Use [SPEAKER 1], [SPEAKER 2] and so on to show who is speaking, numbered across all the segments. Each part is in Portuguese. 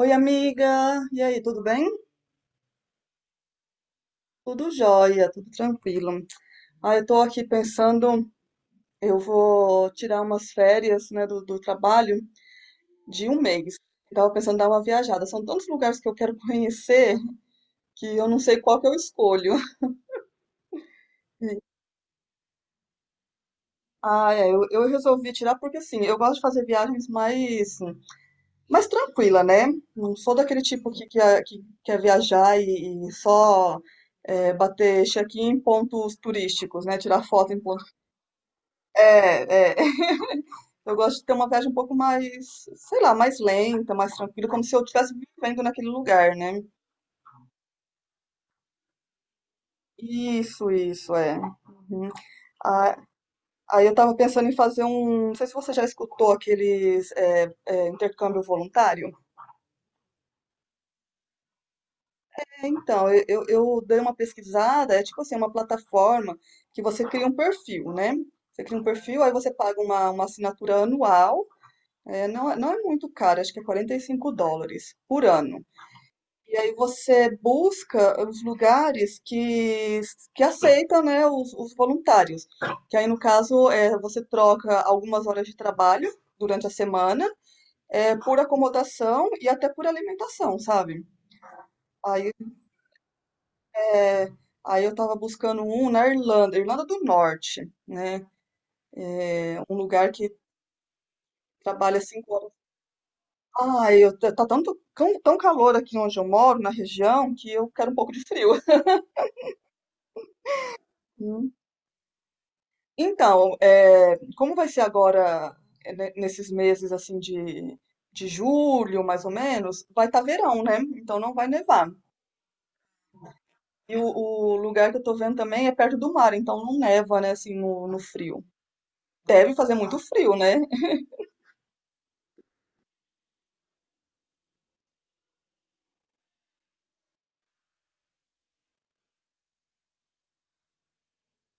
[SPEAKER 1] Oi, amiga. E aí, tudo bem? Tudo jóia, tudo tranquilo. Ah, eu tô aqui pensando, eu vou tirar umas férias, né, do trabalho de um mês. Eu tava pensando em dar uma viajada. São tantos lugares que eu quero conhecer que eu não sei qual que eu escolho. Ah, é, eu resolvi tirar porque, assim, eu gosto de fazer viagens mais, mais tranquila, né? Não sou daquele tipo que quer viajar e só é, bater check-in em pontos turísticos, né? Tirar foto em pontos. É, é, eu gosto de ter uma viagem um pouco mais, sei lá, mais lenta, mais tranquila, como se eu estivesse vivendo naquele lugar, né? Isso, é. Uhum. Ah, aí eu tava pensando em fazer um. Não sei se você já escutou aqueles intercâmbio voluntário. É, então, eu dei uma pesquisada, é tipo assim, uma plataforma que você cria um perfil, né? Você cria um perfil, aí você paga uma assinatura anual. É, não, não é muito caro, acho que é US$ 45 por ano. E aí você busca os lugares que aceitam, né, os voluntários. Que aí, no caso, é, você troca algumas horas de trabalho durante a semana, é, por acomodação e até por alimentação, sabe? Aí, é, aí eu tava buscando um na Irlanda, Irlanda do Norte, né? É um lugar que trabalha 5 horas. Ai, eu, tão, tão calor aqui onde eu moro, na região, que eu quero um pouco de frio. Então, como vai ser agora, nesses meses assim de julho, mais ou menos, vai estar verão, né? Então não vai nevar. E o lugar que eu tô vendo também é perto do mar, então não neva, né, assim, no frio. Deve fazer muito frio, né?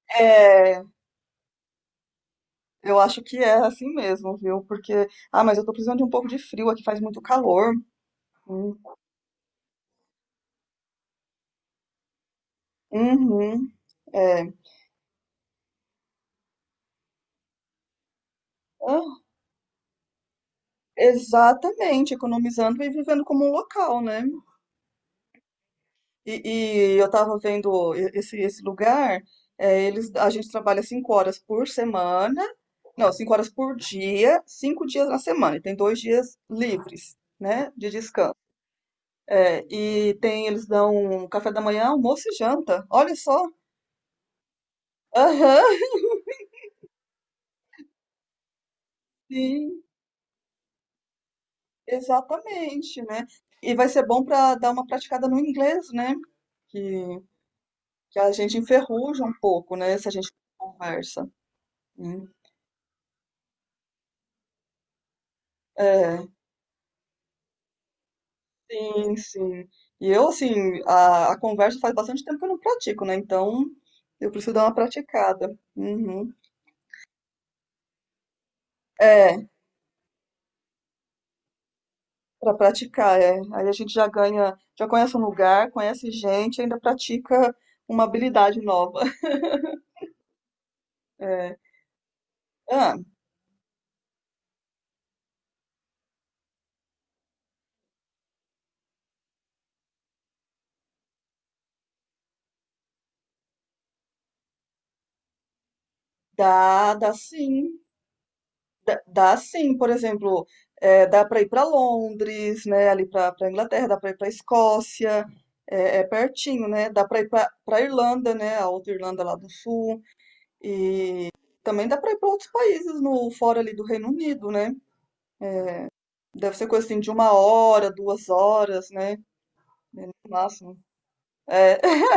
[SPEAKER 1] É, eu acho que é assim mesmo, viu? Porque, ah, mas eu tô precisando de um pouco de frio aqui, faz muito calor. Hum, Uhum, é. Ah, exatamente, economizando e vivendo como um local, né? E eu tava vendo esse lugar, é, eles, a gente trabalha 5 horas por semana, não, 5 horas por dia, 5 dias na semana, e tem 2 dias livres, né, de descanso. É, e tem, eles dão café da manhã, almoço e janta, olha só. Aham, sim, exatamente, né? E vai ser bom para dar uma praticada no inglês, né? Que, que a gente enferruja um pouco, né, se a gente conversa, né? É. Sim, sim. E eu, assim, a conversa faz bastante tempo que eu não pratico, né? Então, eu preciso dar uma praticada. Uhum. É, pra praticar, é. Aí a gente já ganha, já conhece um lugar, conhece gente, ainda pratica uma habilidade nova. É. Ah, dá, dá sim. Dá, dá sim, por exemplo, é, dá pra ir pra Londres, né? Ali pra Inglaterra, dá pra ir pra Escócia, é, é pertinho, né? Dá pra ir pra Irlanda, né? A outra Irlanda lá do Sul. Também dá para ir para outros países no fora ali do Reino Unido, né? Deve ser coisa assim de 1 hora, 2 horas, né? No máximo. É,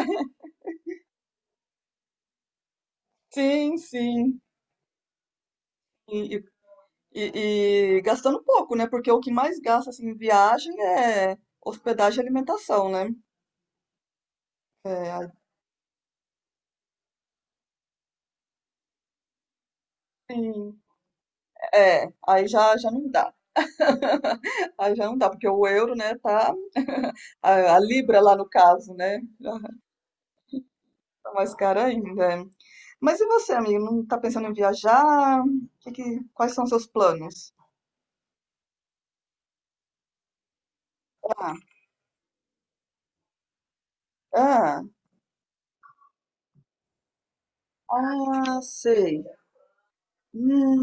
[SPEAKER 1] sim, sim. E, e gastando pouco, né? Porque o que mais gasta assim, em viagem é hospedagem e alimentação, né? É, aí, sim, é, aí já não dá. Aí já não dá, porque o euro, né, tá. A libra lá no caso, né? Já tá mais cara ainda. Mas e você, amigo? Não tá pensando em viajar? Quais são os seus planos? Ah, ah, ah, sei. Hum,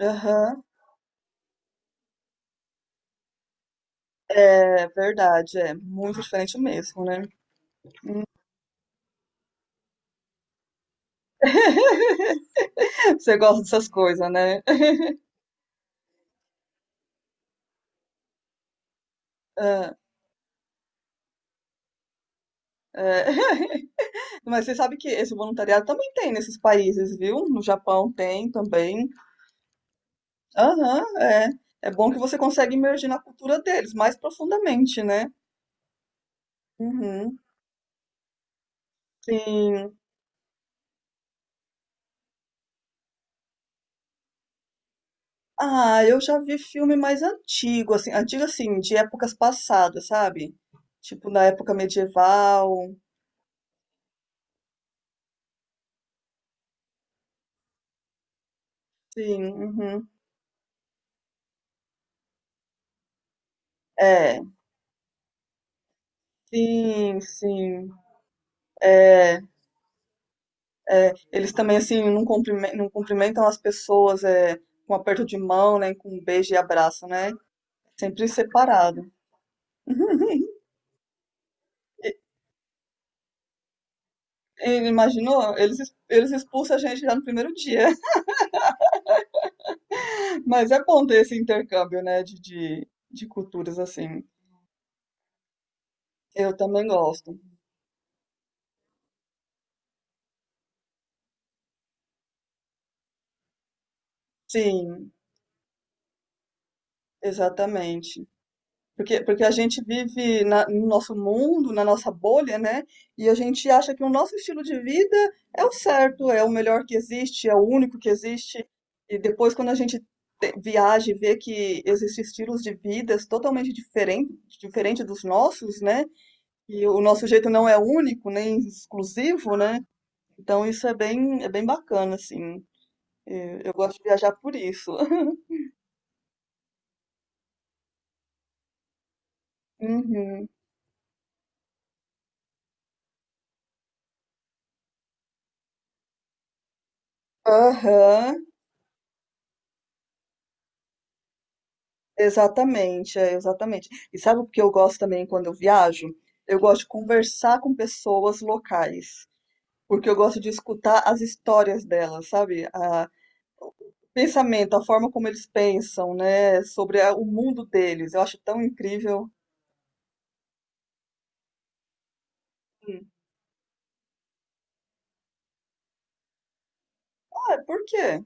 [SPEAKER 1] aham. É verdade, é muito diferente mesmo, né? Você gosta dessas coisas, né? Ah, é. Mas você sabe que esse voluntariado também tem nesses países, viu? No Japão tem também. Aham, é. É bom que você consegue imergir na cultura deles mais profundamente, né? Uhum. Sim. Ah, eu já vi filme mais antigo assim, de épocas passadas, sabe? Tipo na época medieval. Sim, uhum. É, sim, sim. É, é. Eles também assim não cumprimentam as pessoas é, com aperto de mão, né, com um beijo e abraço, né? Sempre separado. Ele imaginou? Eles, eles expulsam a gente já no primeiro dia. Mas é bom ter esse intercâmbio, né, de culturas assim. Eu também gosto. Sim. Exatamente. Porque, porque a gente vive no nosso mundo, na nossa bolha, né? E a gente acha que o nosso estilo de vida é o certo, é o melhor que existe, é o único que existe. E depois, quando a gente viaja e vê que existem estilos de vidas totalmente diferentes, diferente dos nossos, né? E o nosso jeito não é único, nem exclusivo, né? Então isso é bem bacana, assim. Eu gosto de viajar por isso. Uhum. Aham. Exatamente, é, exatamente. E sabe o que eu gosto também quando eu viajo? Eu gosto de conversar com pessoas locais, porque eu gosto de escutar as histórias delas, sabe? O pensamento, a forma como eles pensam, né? Sobre o mundo deles. Eu acho tão incrível. Hum. Ah, é, por quê?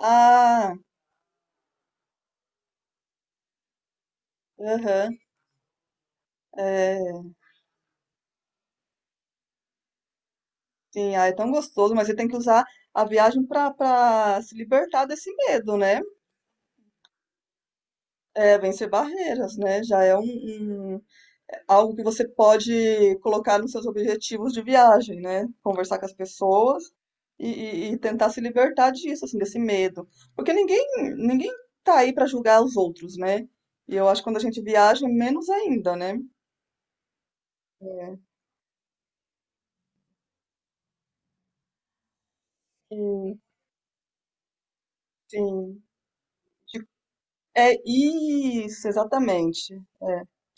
[SPEAKER 1] Ah, aham, é, sim, ah, é tão gostoso, mas você tem que usar a viagem para se libertar desse medo, né? É, vencer barreiras, né? Já é um, um algo que você pode colocar nos seus objetivos de viagem, né? Conversar com as pessoas e tentar se libertar disso, assim, desse medo. Porque ninguém, ninguém tá aí para julgar os outros, né? E eu acho que quando a gente viaja, menos ainda, né? É, e- sim. De- É isso, exatamente.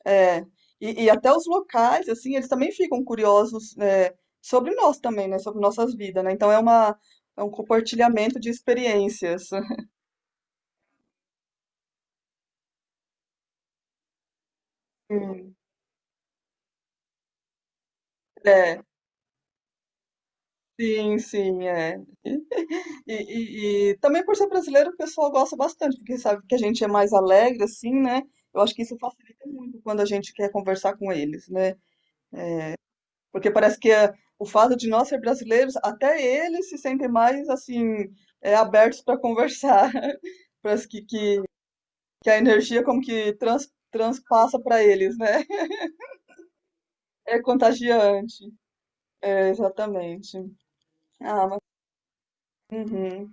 [SPEAKER 1] É, é. E até os locais, assim, eles também ficam curiosos, é, sobre nós também, né? Sobre nossas vidas, né? Então é uma, é um compartilhamento de experiências. Hum, é, sim, sim, é. E, e e também por ser brasileiro, o pessoal gosta bastante, porque sabe que a gente é mais alegre, assim, né? Eu acho que isso facilita muito quando a gente quer conversar com eles, né? Porque parece que é, o fato de nós ser brasileiros, até eles se sentem mais, assim, é, abertos para conversar. Parece que a energia como que transpassa para eles, né? É contagiante. É, exatamente. Ah, mas, uhum.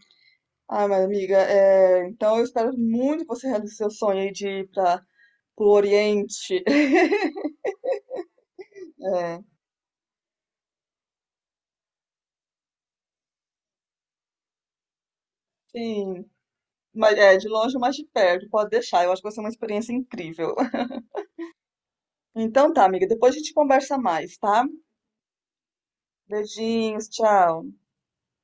[SPEAKER 1] Ah, mas amiga, é, então eu espero muito que você realize seu sonho aí de ir para o Oriente. É, sim, mas é de longe, mas de perto, pode deixar. Eu acho que vai ser uma experiência incrível. Então tá, amiga, depois a gente conversa mais, tá? Beijinhos, tchau.